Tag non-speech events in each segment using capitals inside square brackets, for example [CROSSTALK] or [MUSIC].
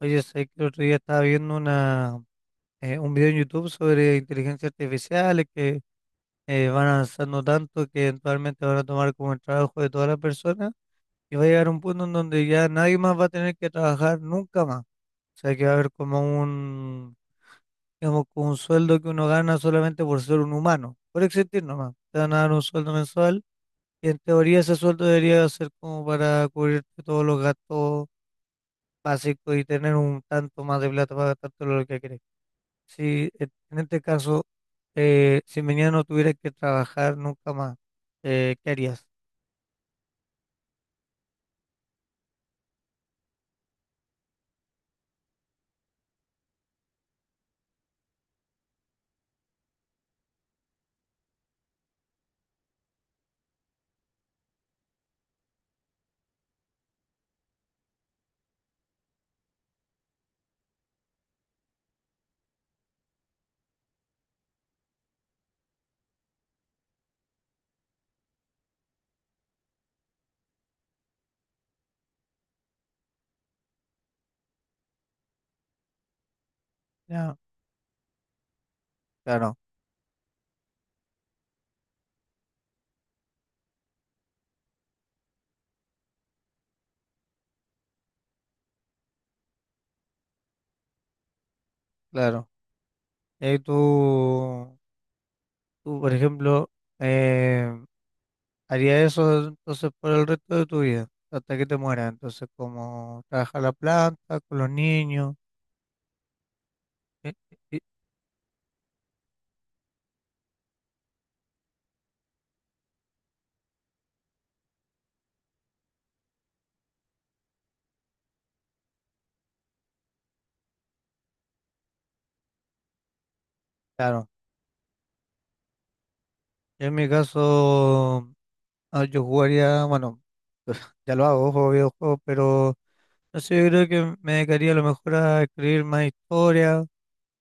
Oye, sé que el otro día estaba viendo un video en YouTube sobre inteligencia artificial que van avanzando tanto que eventualmente van a tomar como el trabajo de todas las personas y va a llegar un punto en donde ya nadie más va a tener que trabajar nunca más. O sea, que va a haber como un sueldo que uno gana solamente por ser un humano, por existir nomás. Te van a dar un sueldo mensual y en teoría ese sueldo debería ser como para cubrirte todos los gastos básicos y tener un tanto más de plata para gastarte lo que querés. Si en este caso, si mañana no tuvieras que trabajar nunca más, ¿qué harías? Ya, claro, claro. Eh, tú, tú, por ejemplo, eh, harías eso entonces por el resto de tu vida, hasta que te mueras. Entonces, como trabajar la planta, con los niños, eh, eh, eh, claro. Yo en mi caso, yo jugaría, bueno, [LAUGHS] ya lo hago, juego videojuegos, pero no sé, yo creo que me dedicaría a lo mejor a escribir más historias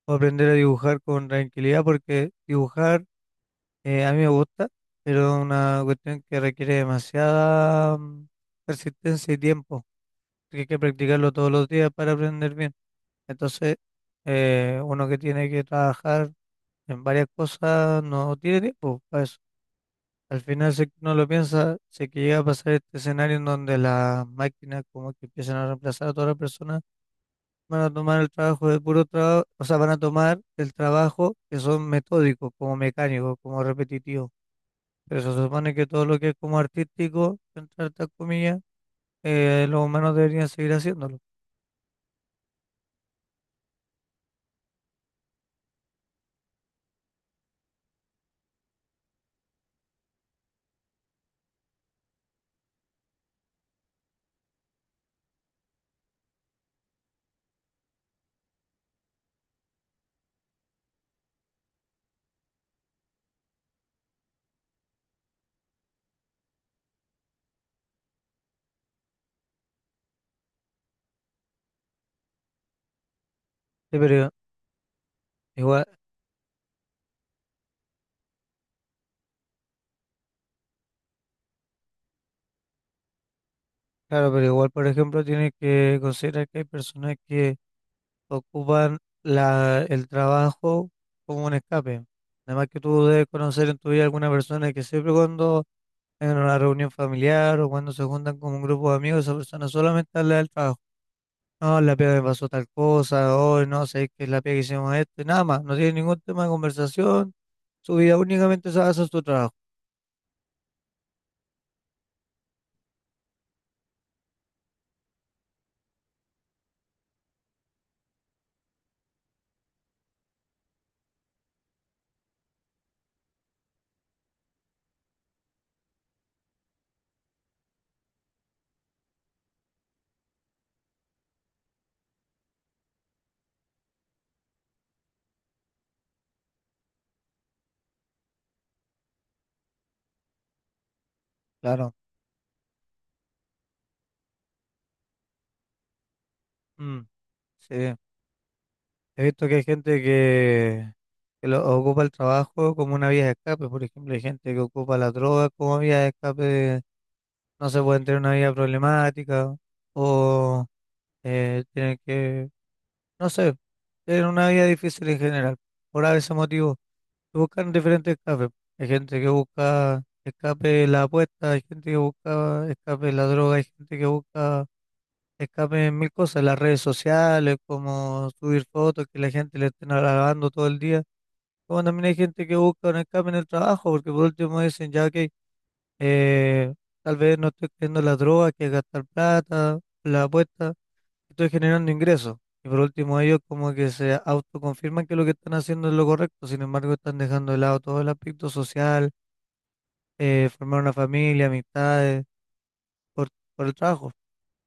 o aprender a dibujar con tranquilidad, porque dibujar a mí me gusta, pero es una cuestión que requiere demasiada persistencia y tiempo, que hay que practicarlo todos los días para aprender bien. Entonces, uno que tiene que trabajar en varias cosas no tiene tiempo para eso. Al final, si uno lo piensa, si es que llega a pasar este escenario en donde las máquinas como que empiezan a reemplazar a todas las personas, van a tomar el trabajo de puro trabajo, o sea, van a tomar el trabajo que son metódicos, como mecánicos, como repetitivos. Pero se supone que todo lo que es como artístico, entre hartas comillas, los humanos deberían seguir haciéndolo. Sí, pero igual, claro, pero igual, por ejemplo, tienes que considerar que hay personas que ocupan el trabajo como un escape. Además que tú debes conocer en tu vida alguna persona que siempre cuando en una reunión familiar o cuando se juntan con un grupo de amigos, esa persona solamente habla del trabajo. No, la pega me pasó tal cosa, hoy no sé qué es la pega que hicimos esto, y nada más, no tiene ningún tema de conversación, su vida únicamente se basa en su trabajo, claro. Mm, sí, he visto que hay gente que ocupa el trabajo como una vía de escape. Por ejemplo, hay gente que ocupa la droga como vía de escape, de no se pueden tener una vida problemática, o tienen que, no sé, tener una vida difícil en general, por ese motivo. Buscan diferentes escapes. Hay gente que busca escape de la apuesta, hay gente que busca escape de la droga, hay gente que busca escape en mil cosas, las redes sociales, como subir fotos que la gente le estén alabando todo el día. Como también hay gente que busca un escape en el trabajo, porque por último dicen, ya que eh, tal vez no estoy creyendo en la droga, que es gastar plata, la apuesta estoy generando ingresos. Y por último, ellos como que se autoconfirman que lo que están haciendo es lo correcto, sin embargo, están dejando de lado todo el aspecto social, formar una familia, amistades, por, por el trabajo.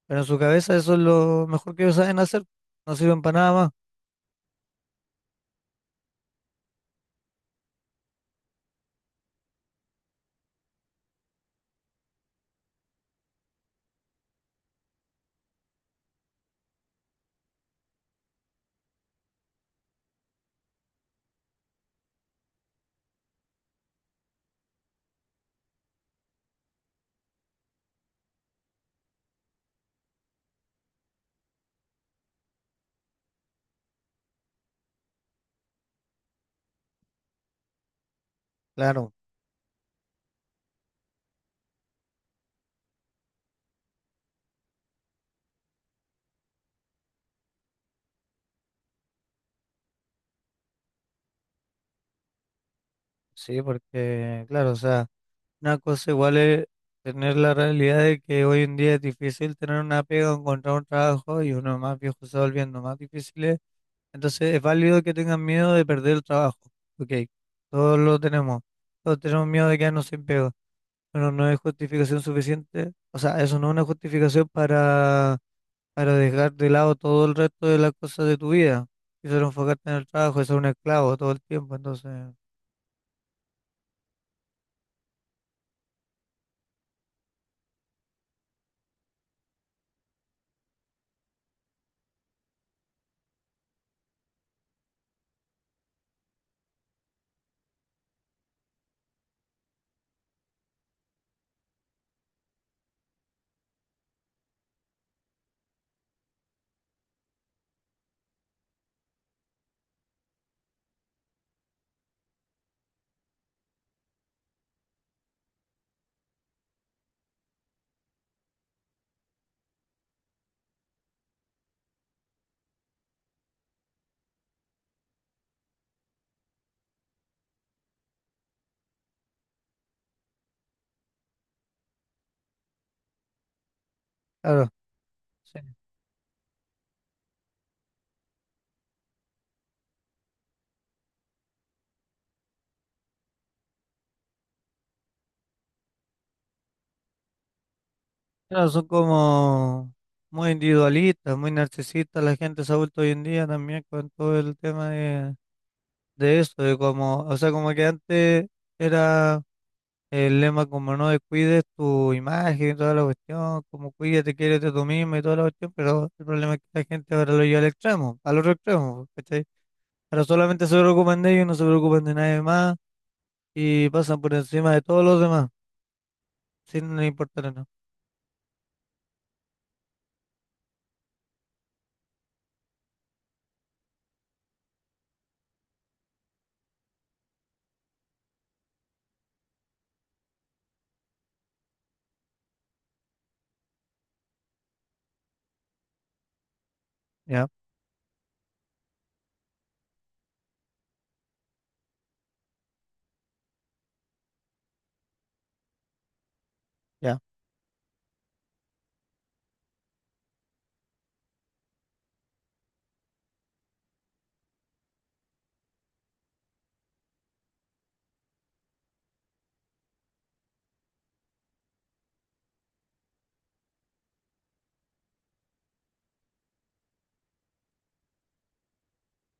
Pero en su cabeza eso es lo mejor que ellos saben hacer, no sirven para nada más. Claro, sí, porque, claro, o sea, una cosa igual es tener la realidad de que hoy en día es difícil tener una pega, o encontrar un trabajo y uno más viejo se va volviendo más difícil. Entonces es válido que tengan miedo de perder el trabajo. Ok, todos lo tenemos. Todos tenemos miedo de quedarnos sin pega. Pero no es justificación suficiente. O sea, eso no es una justificación para dejar de lado todo el resto de las cosas de tu vida. Y solo enfocarte en el trabajo, es ser un esclavo todo el tiempo. Entonces, claro, sí. Claro, son como muy individualistas, muy narcisistas. La gente se ha vuelto hoy en día también con todo el tema de eso, de como, o sea, como que antes era el lema como no descuides tu imagen y toda la cuestión, como cuídate, quiérete tú mismo y toda la cuestión, pero el problema es que la gente ahora lo lleva al extremo, al otro extremo, ¿cachai? Ahora solamente se preocupan de ellos, no se preocupan de nadie más y pasan por encima de todos los demás, sin importar nada. Ya, ya.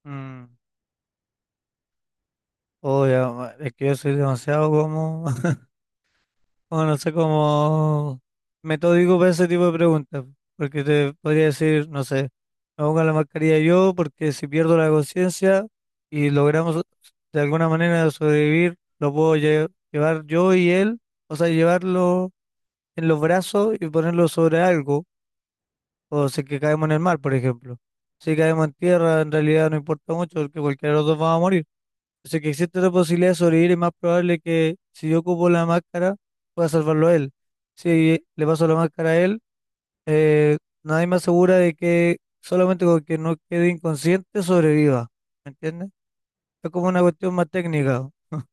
Mm. Oh, ya, ma- es que yo soy demasiado como o no sé cómo metódico para ese tipo de preguntas, porque te podría decir, no sé, me pongo la mascarilla yo porque si pierdo la conciencia y logramos de alguna manera sobrevivir, lo puedo lle- llevar yo y él, o sea, llevarlo en los brazos y ponerlo sobre algo, o si es que caemos en el mar, por ejemplo. Si caemos en tierra, en realidad no importa mucho porque cualquiera de los dos va a morir. O que existe otra posibilidad de sobrevivir y más probable que si yo ocupo la máscara, pueda salvarlo a él. Si le paso la máscara a él, eh, nadie me asegura de que solamente con que no quede inconsciente sobreviva. ¿Me entiendes? Es como una cuestión más técnica. [LAUGHS]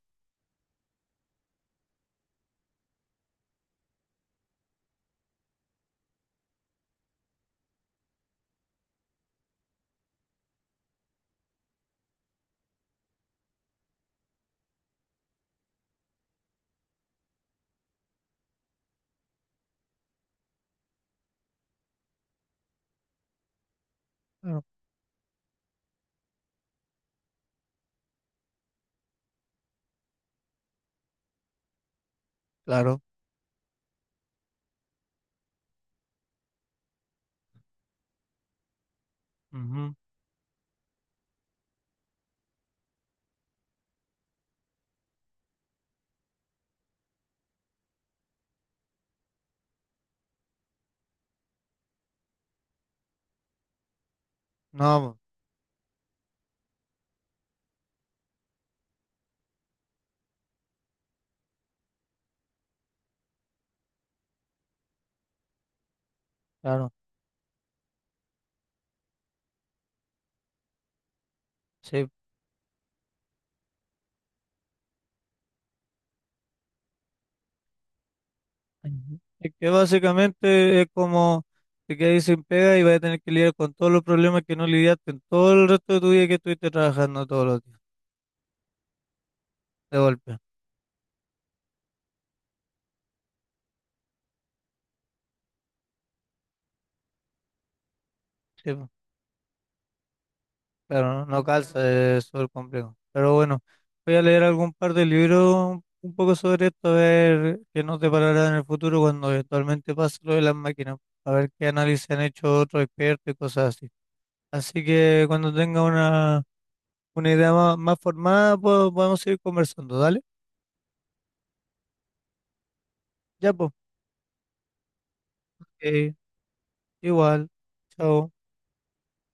Claro. Claro. Ujú. No, claro. Sí. Ujú. Es que básicamente es como te quedas ahí sin pega y vas a tener que lidiar con todos los problemas que no lidiaste en todo el resto de tu vida que estuviste trabajando todos los días, de golpe. Sí, po. Pero no, no calza, es súper complejo. Pero bueno, voy a leer algún par de libros un poco sobre esto, a ver qué nos deparará en el futuro cuando eventualmente pase lo de las máquinas, a ver qué análisis han hecho otros expertos y cosas así. Así que cuando tenga una idea más, más formada, pues, podemos seguir conversando, ¿dale? Ya, pues, ok, igual, chao.